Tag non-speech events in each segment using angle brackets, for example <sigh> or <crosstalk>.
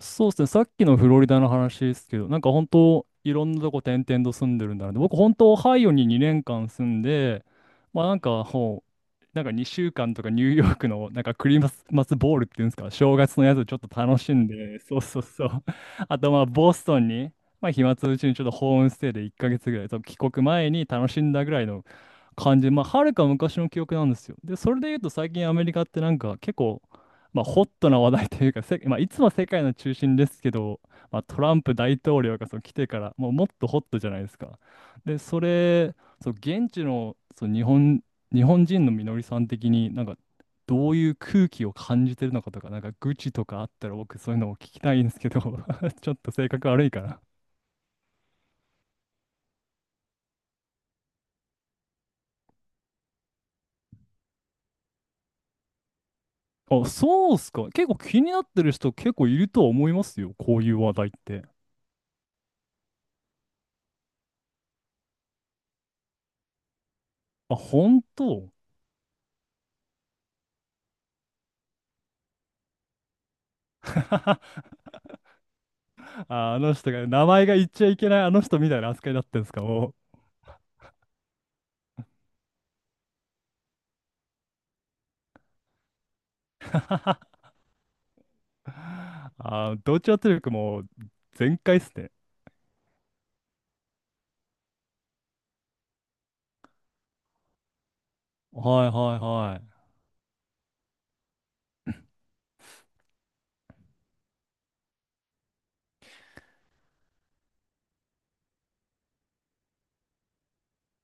そうですね、さっきのフロリダの話ですけど、なんか本当、いろんなとこ転々と住んでるんだなって、僕、本当、オハイオに2年間住んで、まあなんか、なんか2週間とかニューヨークのなんかクリスマスボールっていうんですか、正月のやつをちょっと楽しんで、そうそうそう。あとまあボストンに、まあ暇つぶしにちょっとホームステイで1ヶ月ぐらい、そう帰国前に楽しんだぐらいの感じ、まあはるか昔の記憶なんですよ。で、それで言うと最近アメリカってなんか結構、まあホットな話題というか、まあいつもは世界の中心ですけど、まあ、トランプ大統領がそう来てから、もうもっとホットじゃないですか。で、それ、そう現地のそう日本人のみのりさん的になんかどういう空気を感じてるのかとか、なんか愚痴とかあったら僕そういうのを聞きたいんですけど <laughs> ちょっと性格悪いかな。あ、そうっすか。結構気になってる人結構いるとは思いますよ。こういう話題って。あ、本当。 <laughs> あ、あの人が、名前が言っちゃいけないあの人みたいな扱いだったんですか、もう。<laughs> あ、同調圧力も全開っすね。はいはいはい。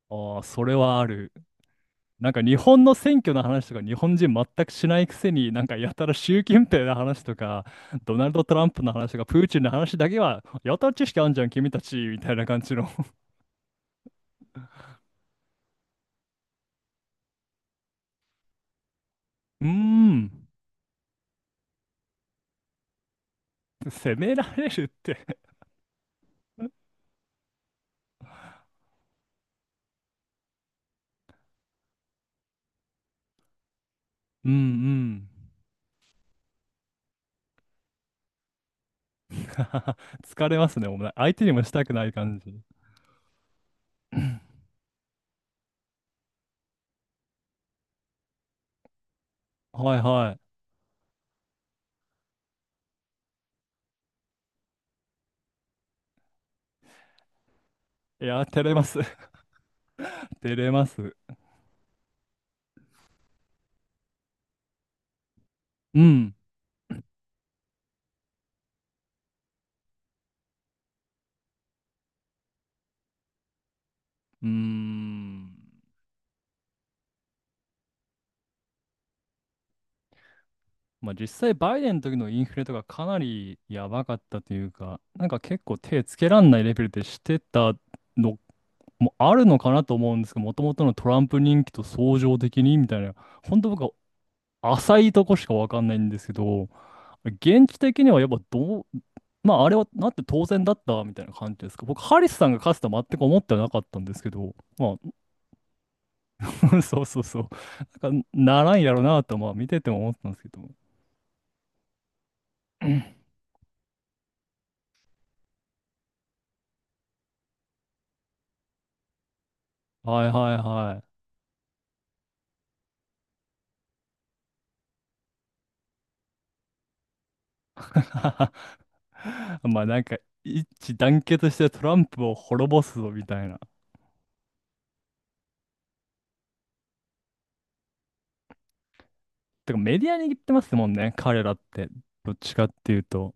ああ、それはある。なんか日本の選挙の話とか日本人全くしないくせになんかやたら習近平の話とかドナルド・トランプの話とかプーチンの話だけはやたら知識あんじゃん君たちみたいな感じの。 <laughs> うーん。責められるって。うんうん。 <laughs> 疲れますね、お前相手にもしたくない感じ。 <clears throat> はいはい。いや照れます。 <laughs> 照れます。うん。うーん。まあ実際バイデンの時のインフレとかかなりやばかったというか、なんか結構手つけらんないレベルでしてたのもあるのかなと思うんですけど、もともとのトランプ人気と相乗的にみたいな、本当僕は浅いとこしかわかんないんですけど、現地的にはやっぱどう、まああれはなって当然だったみたいな感じですか。僕、ハリスさんが勝つとは全く思ってはなかったんですけど、まあ。 <laughs> そうそうそう、なんかならんやろうなとまあ見てても思ってたんですけど。<laughs> <clears throat> はいはいはい。<laughs> まあなんか一致団結してトランプを滅ぼすぞみたいな。てかメディアに言ってますもんね、彼らって。どっちかっていうと。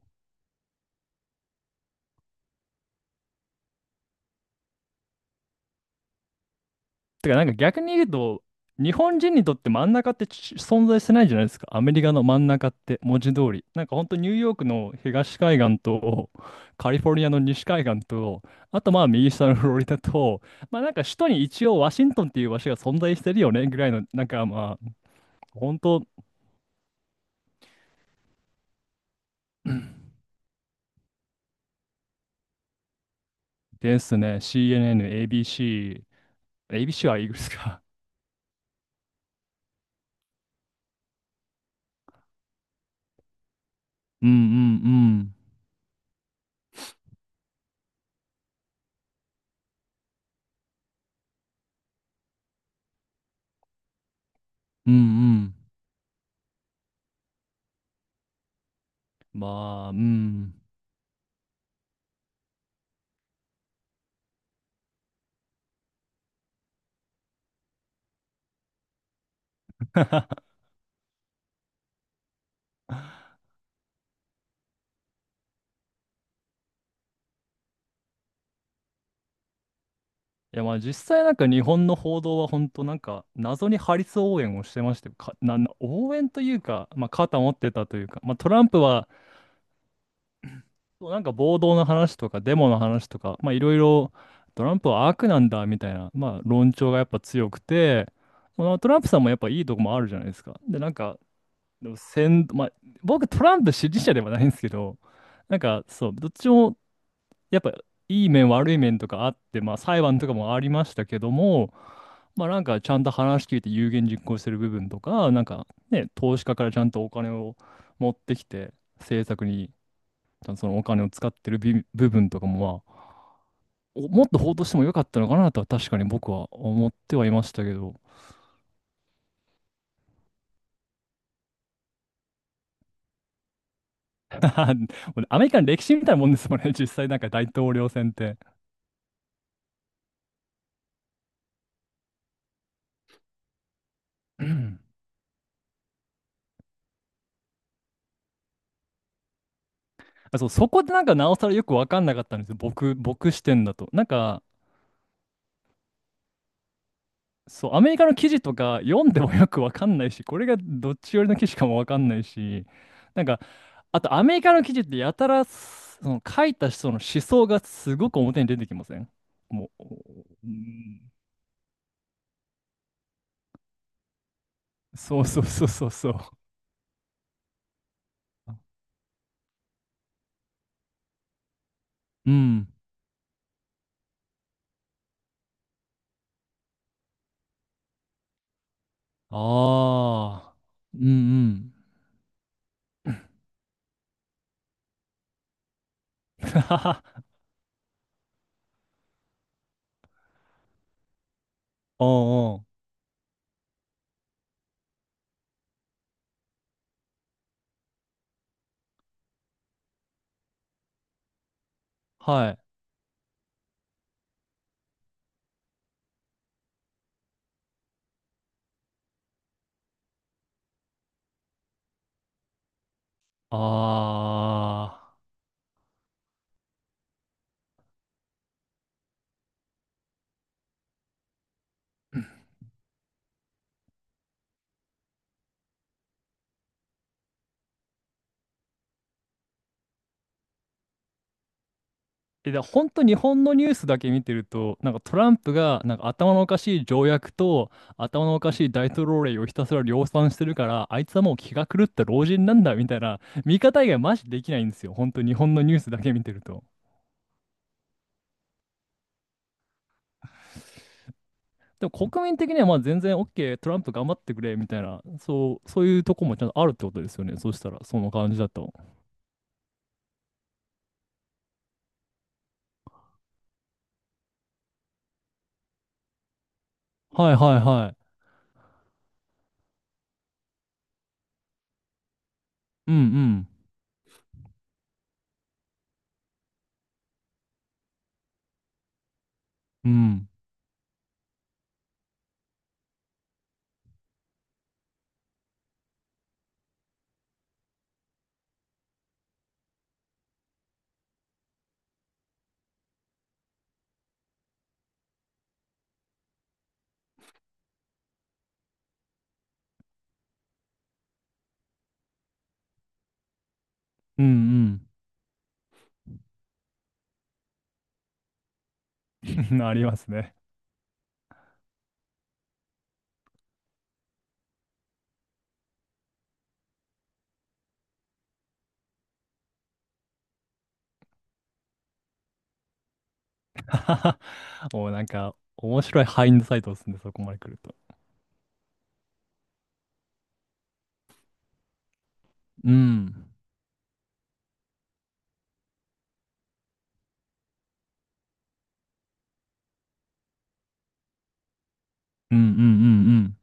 てかなんか逆に言うと、日本人にとって真ん中って存在してないじゃないですか。アメリカの真ん中って文字通り。なんかほんとニューヨークの東海岸とカリフォルニアの西海岸と、あとまあ右下のフロリダと、まあなんか首都に一応ワシントンっていう場所が存在してるよねぐらいの、なんかまあ本当ですね。CNN、ABC。ABC はイーグルスか。<laughs> うんうんうん。うんうん。まあ、うん。いや、まあ実際なんか日本の報道は本当なんか謎にハリス応援をしてまして、か、な、な応援というか、まあ肩持ってたというか、まあトランプはなんか暴動の話とかデモの話とか、まあいろいろトランプは悪なんだみたいな、まあ論調がやっぱ強くて、まあトランプさんもやっぱいいとこもあるじゃないですか。で、なんかでも先、まあ、僕トランプ支持者ではないんですけど、なんかそう、どっちもやっぱいい面悪い面とかあって、まあ裁判とかもありましたけども、まあなんかちゃんと話聞いて有言実行してる部分とか、なんかね、投資家からちゃんとお金を持ってきて政策にちゃんとそのお金を使ってる部分とかもまあ、もっと報道してもよかったのかなとは確かに僕は思ってはいましたけど。<laughs> アメリカの歴史みたいなもんですもんね、実際なんか大統領選って。<laughs> うん。あそう、そこでなんかなおさらよくわかんなかったんですよ。僕視点だと。なんか、そう、アメリカの記事とか読んでもよくわかんないし、これがどっち寄りの記事かもわかんないし、なんか、あとアメリカの記事ってやたら、その書いた人の思想がすごく表に出てきません？もう、うん、そうそうそうそうそう。うん。ああ。うんうん。<laughs> はは。おうおう。はい。ああ。え、だ本当日本のニュースだけ見てると、なんかトランプがなんか頭のおかしい条約と頭のおかしい大統領令をひたすら量産してるから、あいつはもう気が狂った老人なんだみたいな見方以外マジできないんですよ。本当日本のニュースだけ見てると。でも国民的にはまあ全然 OK、トランプ頑張ってくれみたいな、そう、そういうとこもちゃんとあるってことですよね。そしたら、その感じだと。はいはいはい。うんうん。うん。うんうん。<laughs> ありますね。<laughs> もうなんか、面白いハインドサイトでするんでそこまで来ると。うん。うんうんうん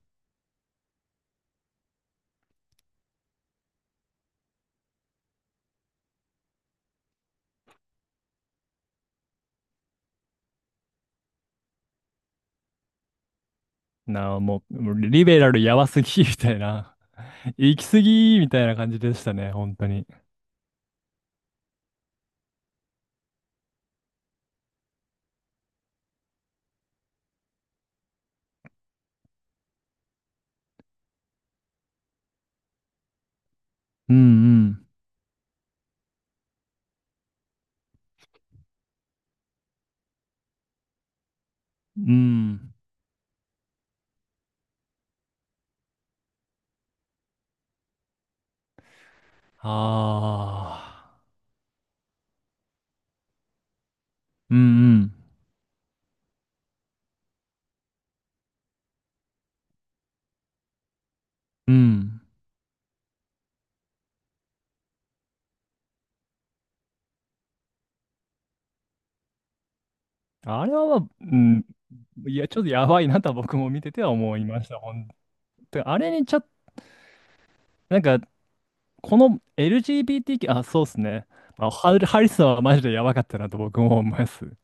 うん。なあ、もう、もうリベラルやばすぎ、みたいな。<laughs> 行き過ぎ、みたいな感じでしたね、本当に。うんうん。うん。ああ。うんうん。うん。あれは、うん。いや、ちょっとやばいなとは僕も見てては思いました、ほんと。あれにちょっと、なんか、この LGBT、 あ、そうっすね。まあ、ハリスはマジでやばかったなと僕も思います。